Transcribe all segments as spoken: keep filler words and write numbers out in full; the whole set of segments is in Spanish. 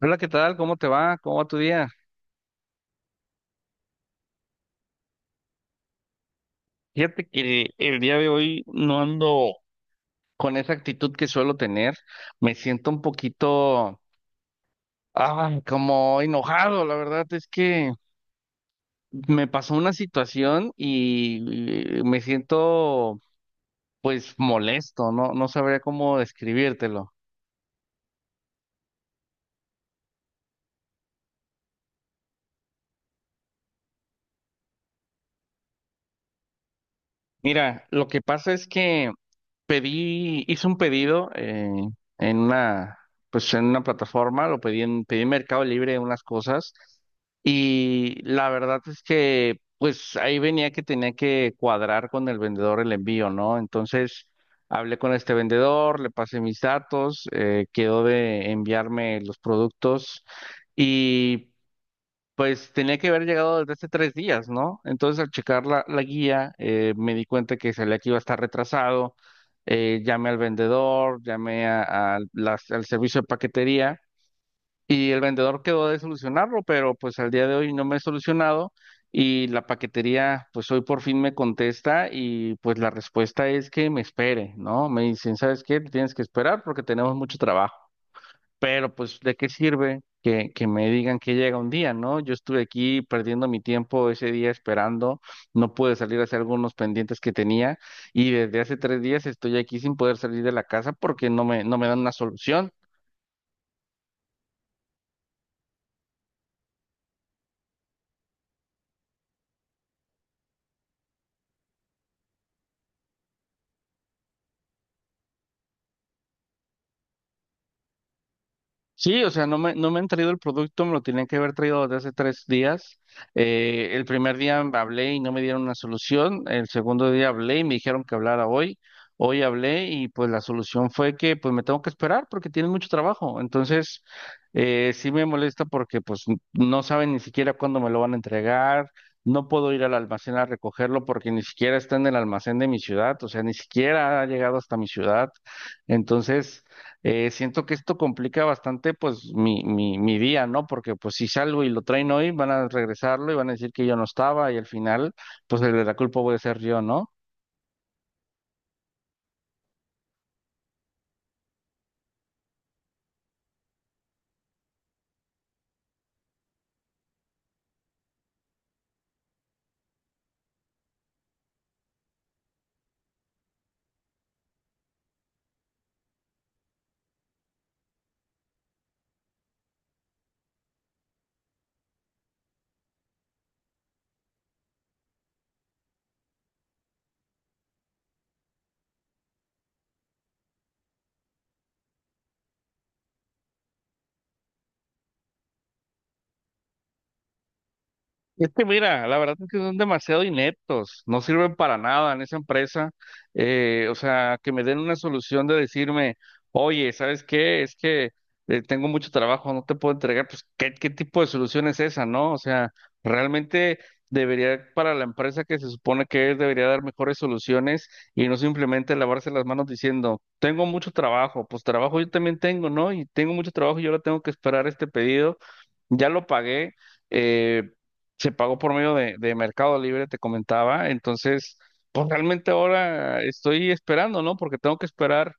Hola, ¿qué tal? ¿Cómo te va? ¿Cómo va tu día? Fíjate que el día de hoy no ando con esa actitud que suelo tener. Me siento un poquito, ah, como enojado. La verdad es que me pasó una situación y, y me siento, pues, molesto. No, no sabría cómo describírtelo. Mira, lo que pasa es que pedí, hice un pedido eh, en una, pues en una plataforma, lo pedí en, pedí en Mercado Libre unas cosas y la verdad es que pues ahí venía que tenía que cuadrar con el vendedor el envío, ¿no? Entonces hablé con este vendedor, le pasé mis datos, eh, quedó de enviarme los productos y... Pues tenía que haber llegado desde hace tres días, ¿no? Entonces al checar la, la guía eh, me di cuenta que salía que iba a estar retrasado. Eh, llamé al vendedor, llamé a- a las- al servicio de paquetería y el vendedor quedó de solucionarlo, pero pues al día de hoy no me he solucionado y la paquetería pues hoy por fin me contesta y pues la respuesta es que me espere, ¿no? Me dicen, ¿sabes qué? Tienes que esperar porque tenemos mucho trabajo. Pero pues, ¿de qué sirve que, que me digan que llega un día, ¿no? Yo estuve aquí perdiendo mi tiempo ese día esperando, no pude salir a hacer algunos pendientes que tenía y desde hace tres días estoy aquí sin poder salir de la casa porque no me, no me dan una solución. Sí, o sea, no me, no me han traído el producto, me lo tenían que haber traído desde hace tres días. Eh, el primer día hablé y no me dieron una solución. El segundo día hablé y me dijeron que hablara hoy. Hoy hablé y pues la solución fue que pues me tengo que esperar porque tienen mucho trabajo. Entonces, eh, sí me molesta porque pues n- no saben ni siquiera cuándo me lo van a entregar. No puedo ir al almacén a recogerlo porque ni siquiera está en el almacén de mi ciudad, o sea, ni siquiera ha llegado hasta mi ciudad. Entonces eh, siento que esto complica bastante pues mi, mi, mi día, ¿no? Porque pues si salgo y lo traen hoy, van a regresarlo y van a decir que yo no estaba y al final pues el de la culpa voy a ser yo, ¿no? Es que mira, la verdad es que son demasiado ineptos, no sirven para nada en esa empresa. Eh, o sea, que me den una solución de decirme, oye, ¿sabes qué? Es que eh, tengo mucho trabajo, no te puedo entregar. Pues, ¿qué, qué tipo de solución es esa, no? O sea, realmente debería, para la empresa que se supone que es, debería dar mejores soluciones y no simplemente lavarse las manos diciendo, tengo mucho trabajo, pues trabajo yo también tengo, ¿no? Y tengo mucho trabajo y ahora tengo que esperar este pedido, ya lo pagué. eh, se pagó por medio de, de Mercado Libre, te comentaba. Entonces, pues realmente ahora estoy esperando, ¿no? Porque tengo que esperar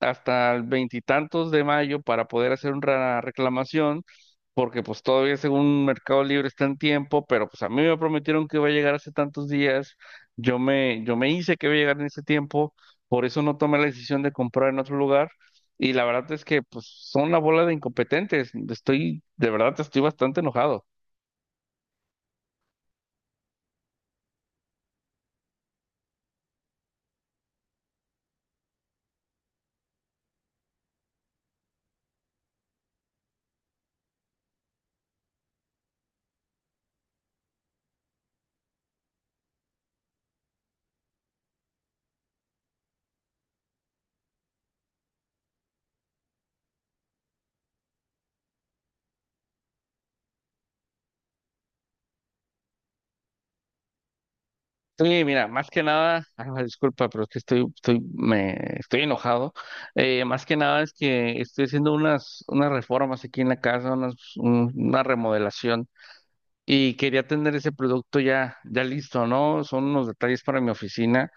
hasta el veintitantos de mayo para poder hacer una reclamación, porque pues todavía según Mercado Libre está en tiempo, pero pues a mí me prometieron que iba a llegar hace tantos días. Yo me, yo me hice que iba a llegar en ese tiempo, por eso no tomé la decisión de comprar en otro lugar. Y la verdad es que pues son una bola de incompetentes. Estoy, de verdad, estoy bastante enojado. Sí, mira, más que nada, ay, disculpa, pero es que estoy, estoy, me, estoy enojado. Eh, más que nada es que estoy haciendo unas, unas reformas aquí en la casa, unas, un- una remodelación y quería tener ese producto ya, ya listo, ¿no? Son unos detalles para mi oficina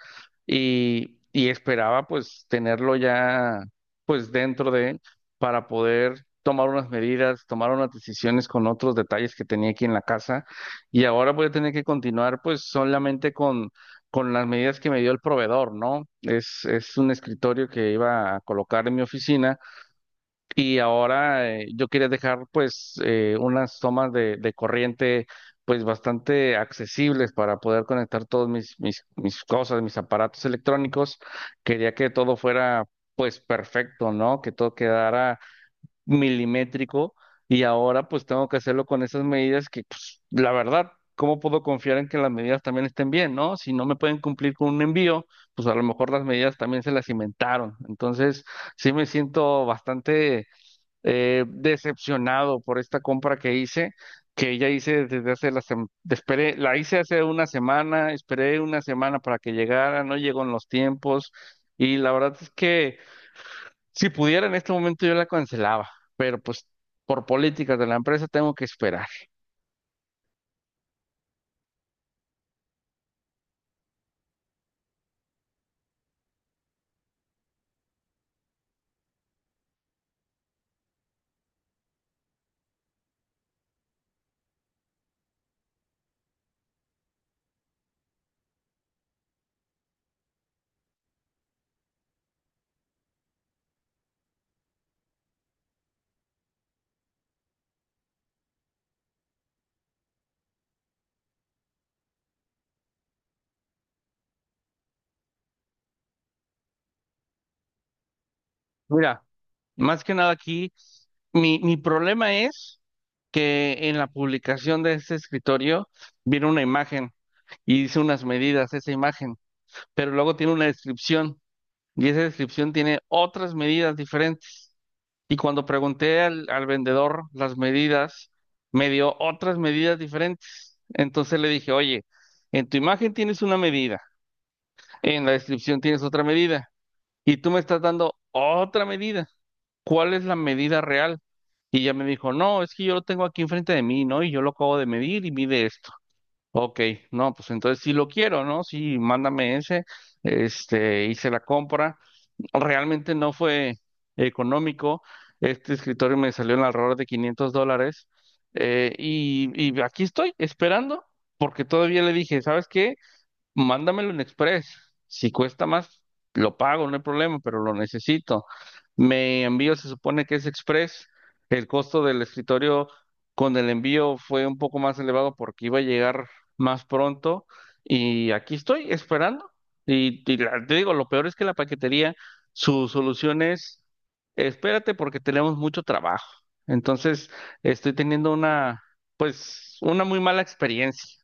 y, y esperaba pues tenerlo ya pues dentro de él para poder tomar unas medidas, tomar unas decisiones con otros detalles que tenía aquí en la casa y ahora voy a tener que continuar pues solamente con, con las medidas que me dio el proveedor, ¿no? Es, es un escritorio que iba a colocar en mi oficina y ahora eh, yo quería dejar pues eh, unas tomas de, de corriente pues bastante accesibles para poder conectar todos mis, mis, mis cosas, mis aparatos electrónicos. Quería que todo fuera pues perfecto, ¿no? Que todo quedara milimétrico y ahora pues tengo que hacerlo con esas medidas que pues la verdad, ¿cómo puedo confiar en que las medidas también estén bien, ¿no? Si no me pueden cumplir con un envío, pues a lo mejor las medidas también se las inventaron. Entonces sí me siento bastante eh, decepcionado por esta compra que hice, que ya hice desde hace la sem- esperé, la hice hace una semana, esperé una semana para que llegara, no llegó en los tiempos y la verdad es que si pudiera en este momento yo la cancelaba, pero pues por políticas de la empresa tengo que esperar. Mira, más que nada aquí, mi, mi problema es que en la publicación de este escritorio viene una imagen y dice unas medidas esa imagen, pero luego tiene una descripción. Y esa descripción tiene otras medidas diferentes. Y cuando pregunté al, al vendedor las medidas, me dio otras medidas diferentes. Entonces le dije, oye, en tu imagen tienes una medida, en la descripción tienes otra medida, y tú me estás dando otra medida. ¿Cuál es la medida real? Y ya me dijo, no, es que yo lo tengo aquí enfrente de mí, ¿no? Y yo lo acabo de medir y mide esto. Ok, no, pues entonces sí lo quiero, ¿no? Sí, mándame ese, este, hice la compra realmente no fue económico. Este escritorio me salió en alrededor de 500 dólares eh, y, y aquí estoy esperando porque todavía le dije, ¿sabes qué? Mándamelo en Express. Si cuesta más, lo pago, no hay problema, pero lo necesito. Me envío, se supone que es Express. El costo del escritorio con el envío fue un poco más elevado porque iba a llegar más pronto. Y aquí estoy esperando. Y, y la- te digo, lo peor es que la paquetería, su solución es, espérate porque tenemos mucho trabajo. Entonces, estoy teniendo una, pues, una muy mala experiencia.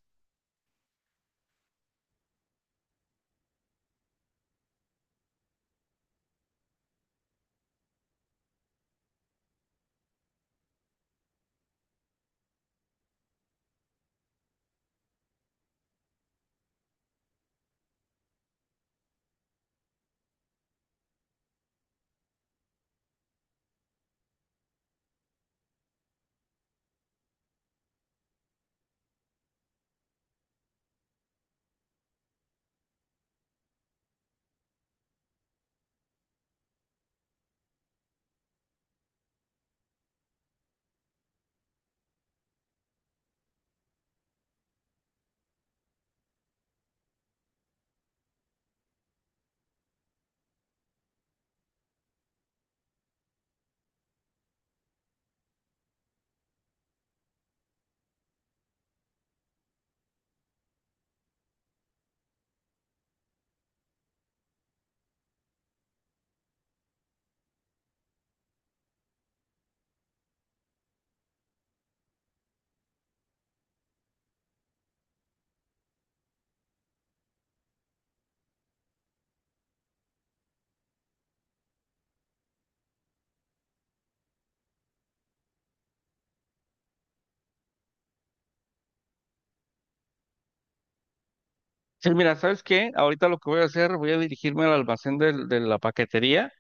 Sí, mira, ¿sabes qué? Ahorita lo que voy a hacer, voy a dirigirme al almacén del- de la paquetería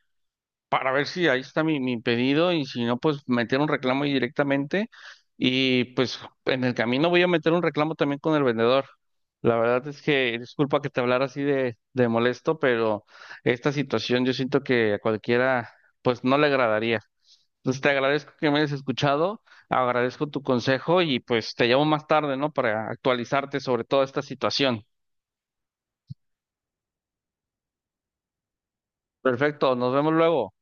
para ver si ahí está mi, mi pedido y si no, pues meter un reclamo ahí directamente y pues en el camino voy a meter un reclamo también con el vendedor. La verdad es que, disculpa que te hablara así de, de molesto, pero esta situación yo siento que a cualquiera pues no le agradaría. Entonces te agradezco que me hayas escuchado, agradezco tu consejo y pues te llamo más tarde, ¿no? Para actualizarte sobre toda esta situación. Perfecto, nos vemos luego.